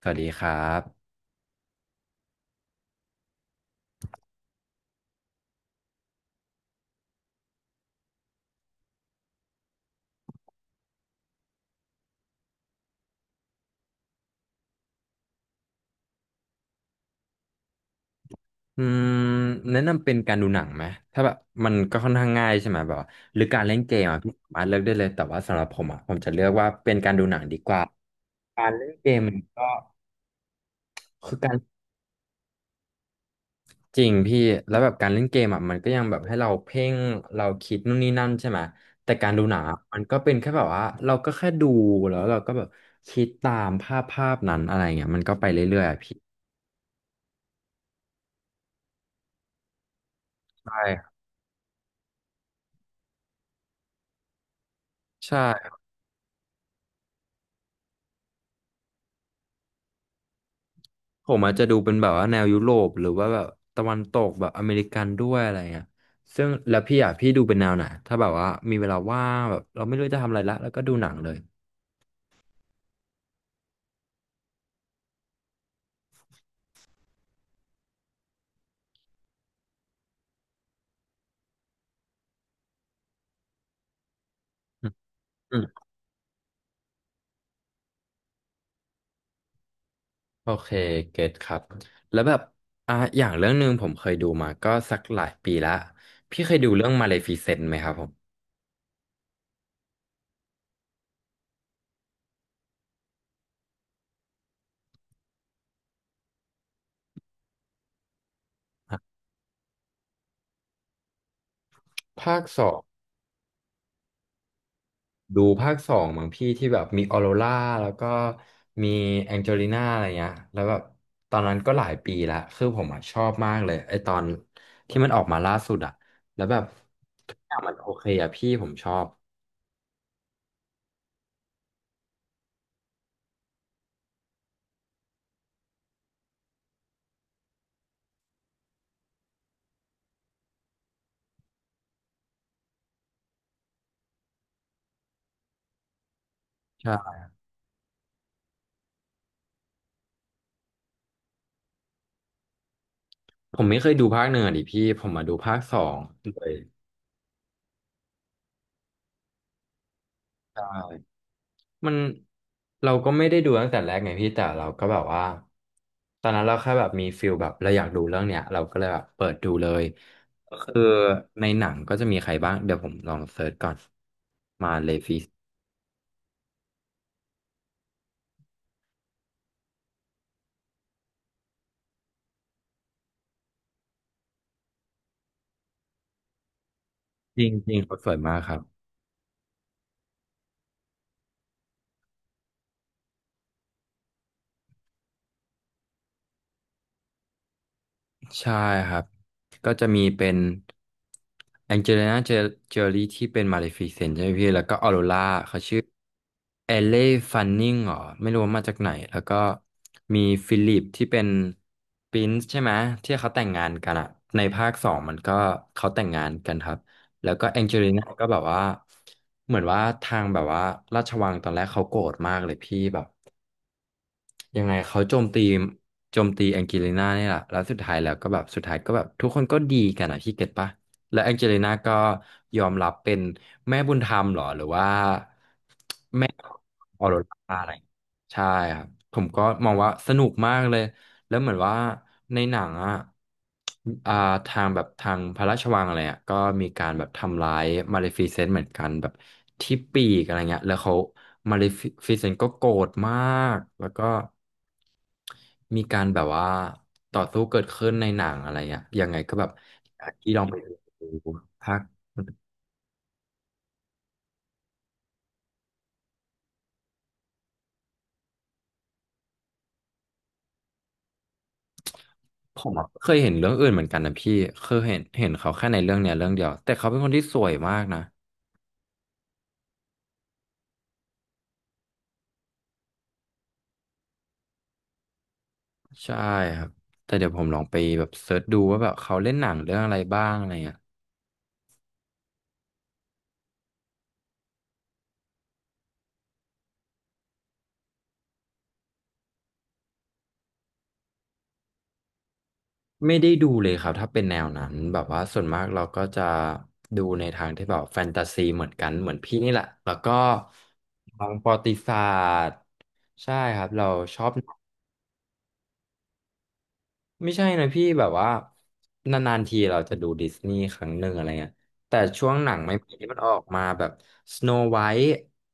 สวัสดีครับอืมแนะนำเป็นการดูหนังไหมถ้าแบบมันก็ค่อนข้างง่ายใช่ไหมแบบว่าหรือการเล่นเกมอ่ะพี่สามารถเลือกได้เลยแต่ว่าสำหรับผมอ่ะผมจะเลือกว่าเป็นการดูหนังดีกว่าการเล่นเกมมันก็คือการจริงพี่แล้วแบบการเล่นเกมอ่ะมันก็ยังแบบให้เราเพ่งเราคิดนู่นนี่นั่นใช่ไหมแต่การดูหนังอะมันก็เป็นแค่แบบว่าเราก็แค่ดูแล้วเราก็แบบคิดตามภาพภาพนั้นอะไรเงี้ยมันก็ไปเรื่อยๆอะพี่ใช่ครับ ผมอาจจะดูเป็นแบบว่าแนวยุโรปหรือว่าแบบตะวันตกแบบอเมริกันด้วยอะไรเงี้ยซึ่งแล้วพี่อ่ะพี่ดูเป็นแนวไหนถ้าแบบว่ามีเวลาว่างแบบเราไม่รู้จะทำอะไรละแล้วก็ดูหนังเลยอืมอืมโอเคเก็ตครับ แล้วแบบอย่างเรื่องหนึ่งผมเคยดูมาก็สักหลายปีละพี่เคยดูเรื่องมาเลฟิเซนต์ไหมครับผม ภาคสอง ดูภาคสองมั้งพี่ที่แบบมีออโรราแล้วก็มีแองเจลิน่าอะไรเงี้ยแล้วแบบตอนนั้นก็หลายปีละคือผมอะชอบมากเลยไอตอนที่มันออกมาล่าสุดอะแล้วแบบทุกอย่างมันโอเคอะพี่ผมชอบใช่ผมไม่เคยดูภาคหนึ่งอะดิพี่ผมมาดูภาคสองเลยใช่ มันเราก็ไม่ได้ดูตั้งแต่แรกไงพี่แต่เราก็แบบว่าตอนนั้นเราแค่แบบมีฟิลแบบเราอยากดูเรื่องเนี้ยเราก็เลยแบบเปิดดูเลยก็คือในหนังก็จะมีใครบ้างเดี๋ยวผมลองเซิร์ชก่อนมาเลฟิสจริงๆเขาสวยมากครับ ใช่ครับก็จะมีเป็นแองเจลิน่าเจอรี่ที่เป็นมาเลฟิเซนใช่ไหมพี่แล้วก็ออโรราเขาชื่อเอเล่ฟันนิงเหรอไม่รู้ว่ามาจากไหนแล้วก็มีฟิลิปที่เป็นปรินซ์ใช่ไหมที่เขาแต่งงานกันอะในภาคสองมันก็เขาแต่งงานกันครับแล้วก็แองเจลิน่าก็แบบว่าเหมือนว่าทางแบบว่าราชวังตอนแรกเขาโกรธมากเลยพี่แบบ ยังไงเขาโจมตีแองเจลิน่าเนี่ยแหละแล้วสุดท้ายแล้วก็แบบสุดท้ายก็แบบทุกคนก็ดีกันอ่ะพี่เก็ตปะและแองเจลิน่าก็ยอมรับเป็นแม่บุญธรรมเหรอหรือว่า ออโรราอะไรอย่างเงี้ยใช่ครับผมก็มองว่าสนุกมากเลยแล้วเหมือนว่าในหนังอ่ะอ่าทางแบบทางพระราชวังอะไรอ่ะก็มีการแบบทำร้ายมาเลฟิเซนต์เหมือนกันแบบที่ปีกอะไรเงี้ยแล้วเขามาเลฟิเซนต์ก็โกรธมากแล้วก็มีการแบบว่าต่อสู้เกิดขึ้นในหนังอะไรเงี้ยยังไงก็แบบที่ลองไปดูภาค ผมอะเคยเห็นเรื่องอื่นเหมือนกันนะพี่เคยเห็นเขาแค่ในเรื่องเนี้ยเรื่องเดียวแต่เขาเป็นคนที่สวยมากนะใช่ครับแต่เดี๋ยวผมลองไปแบบเซิร์ชดูว่าแบบเขาเล่นหนังเรื่องอะไรบ้างอะไรเงี้ยไม่ได้ดูเลยครับถ้าเป็นแนวนั้นแบบว่าส่วนมากเราก็จะดูในทางที่แบบแฟนตาซีเหมือนกันเหมือนพี่นี่แหละแล้วก็ทางประวัติศาสตร์ใช่ครับเราชอบ ไม่ใช่นะพี่แบบว่านานๆทีเราจะดูดิสนีย์ครั้งหนึ่งอะไรเงี้ยแต่ช่วงหนังใหม่ๆที่มันออกมาแบบสโนไวท์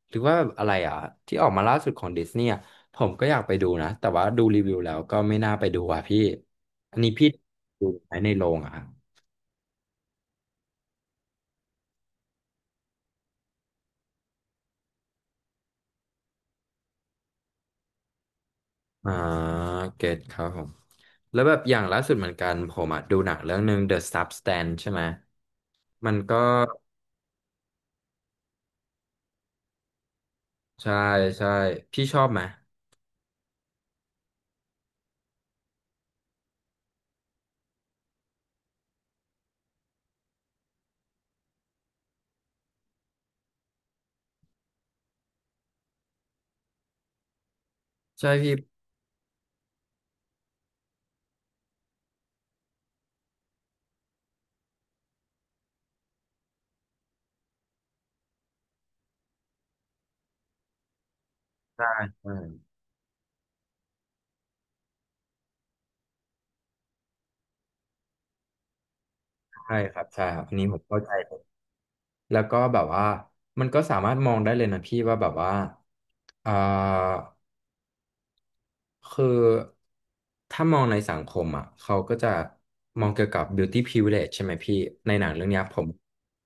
หรือว่าแบบอะไรอ่ะที่ออกมาล่าสุดของดิสนีย์อะผมก็อยากไปดูนะแต่ว่าดูรีวิวแล้วก็ไม่น่าไปดูอ่ะพี่อันนี้พี่ดูไหมในโรงอ่ะครับอ่าเก็ตครับผมแล้วแบบอย่างล่าสุดเหมือนกันผมอ่ะดูหนังเรื่องหนึ่ง The Substance ใช่ไหมมันก็ใช่ใช่พี่ชอบไหมใช่พี่ ใช่ครับใช่ครับอันนี้ผมเข้าใจเลยแล้วก็แบบว่ามันก็สามารถมองได้เลยนะพี่ว่าแบบว่าเอ่อ คือถ้ามองในสังคมอ่ะเขาก็จะมองเกี่ยวกับ beauty privilege ใช่ไหมพี่ในหนังเรื่องเนี้ยผม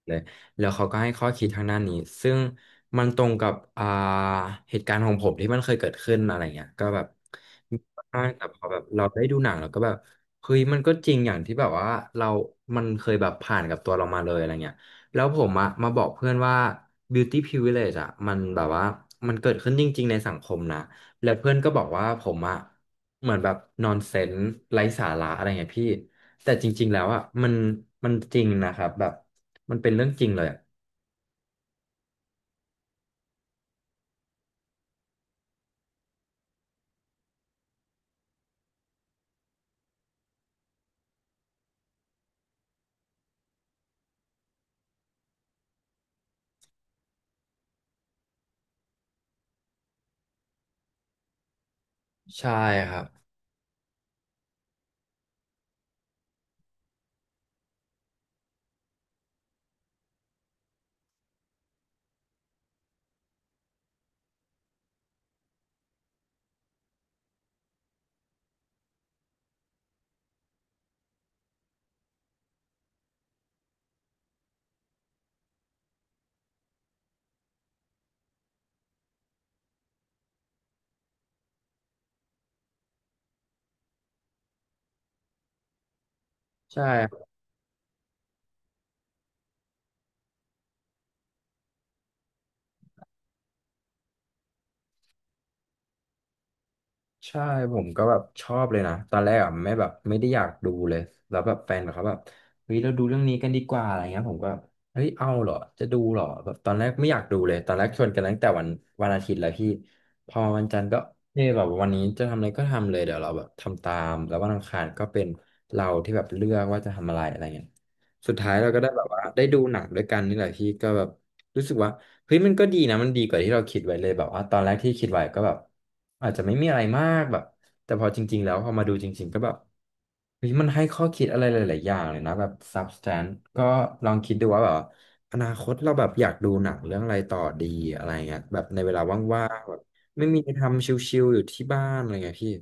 เลยแล้วเขาก็ให้ข้อคิดทางด้านนี้ซึ่งมันตรงกับเหตุการณ์ของผมที่มันเคยเกิดขึ้นอะไรเงี้ยก็แบบมีบ้างแต่พอแบบเราได้ดูหนังเราก็แบบเฮ้ยมันก็จริงอย่างที่แบบว่าเรามันเคยแบบผ่านกับตัวเรามาเลยอะไรเงี้ยแล้วผมอะมาบอกเพื่อนว่า beauty privilege อะมันแบบว่ามันเกิดขึ้นจริงๆในสังคมนะ แล้วเพื่อนก็บอกว่าผมอะเหมือนแบบนอนเซนส์ไร้สาระอะไรเงี้ยพี่แต่จริงๆแล้วอะมันจริงนะครับแบบมันเป็นเรื่องจริงเลยอะใช่ครับใช่ ใช่ผมก็แบบชอบเลยนะตอนแรกอ่ะไม่แบบไม่ได้อยากดูเลยแล้วแบบแฟนแบบเขาแบบเฮ้ยเราดูเรื่องนี้กันดีกว่าอะไรเงี้ยผมก็เฮ้ยเอาเหรอจะดูเหรอแบบตอนแรกไม่อยากดูเลยตอนแรกชวนกันตั้งแต่วันอาทิตย์แล้วพี่พอวันจันทร์ก็เอยแบบวันนี้จะทำอะไรก็ทำเลยเดี๋ยวเราแบบทำตามแล้ววันอังคารก็เป็นเราที่แบบเลือกว่าจะทำอะไรอะไรเงี้ยสุดท้ายเราก็ได้แบบว่าได้ดูหนังด้วยกันนี่แหละพี่ก็แบบ รู้สึกว่าเฮ้ยมันก็ดีนะมันดีกว่าที่เราคิดไว้เลยแบบว่าตอนแรกที่คิดไว้ก็แบบอาจจะไม่มีอะไรมากแบบแต่พอจริงๆแล้วพอมาดูจริงๆก็แบบเฮ้ยมันให้ข้อคิดอะไรหลายๆอย่างเลยนะแบบ substance ก็ลองคิดดูว่าแบบอนาคตเราแบบอยากดูหนังเรื่องอะไรต่อดีอะไรเงี้ยแบบในเวลาว่างๆแบบไม่มีอะไรทำชิลๆอยู่ที่บ้านอะไรเงี้ยพี่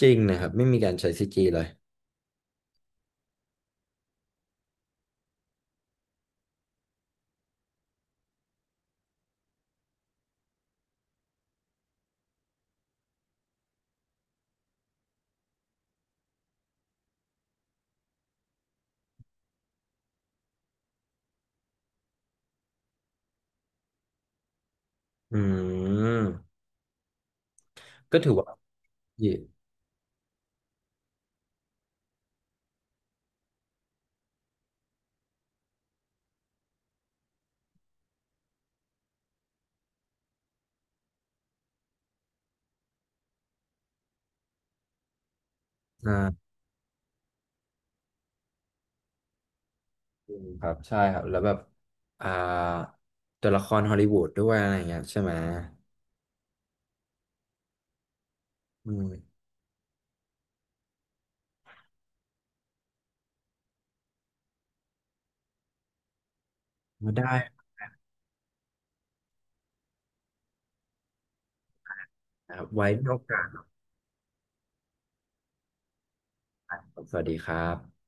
จริงนะครับไม่มีการใช้ซีจีเลยอืมก็ถือว่าดีใช่ อืมครับใช่ครับแล้วแบบอ่าตัวละครฮอลลีวูดด้วยอะไรเงี้ยใช่ไหมอืมไม่ได้นะครับไว้มีโอกาสครับสวัสดีครับ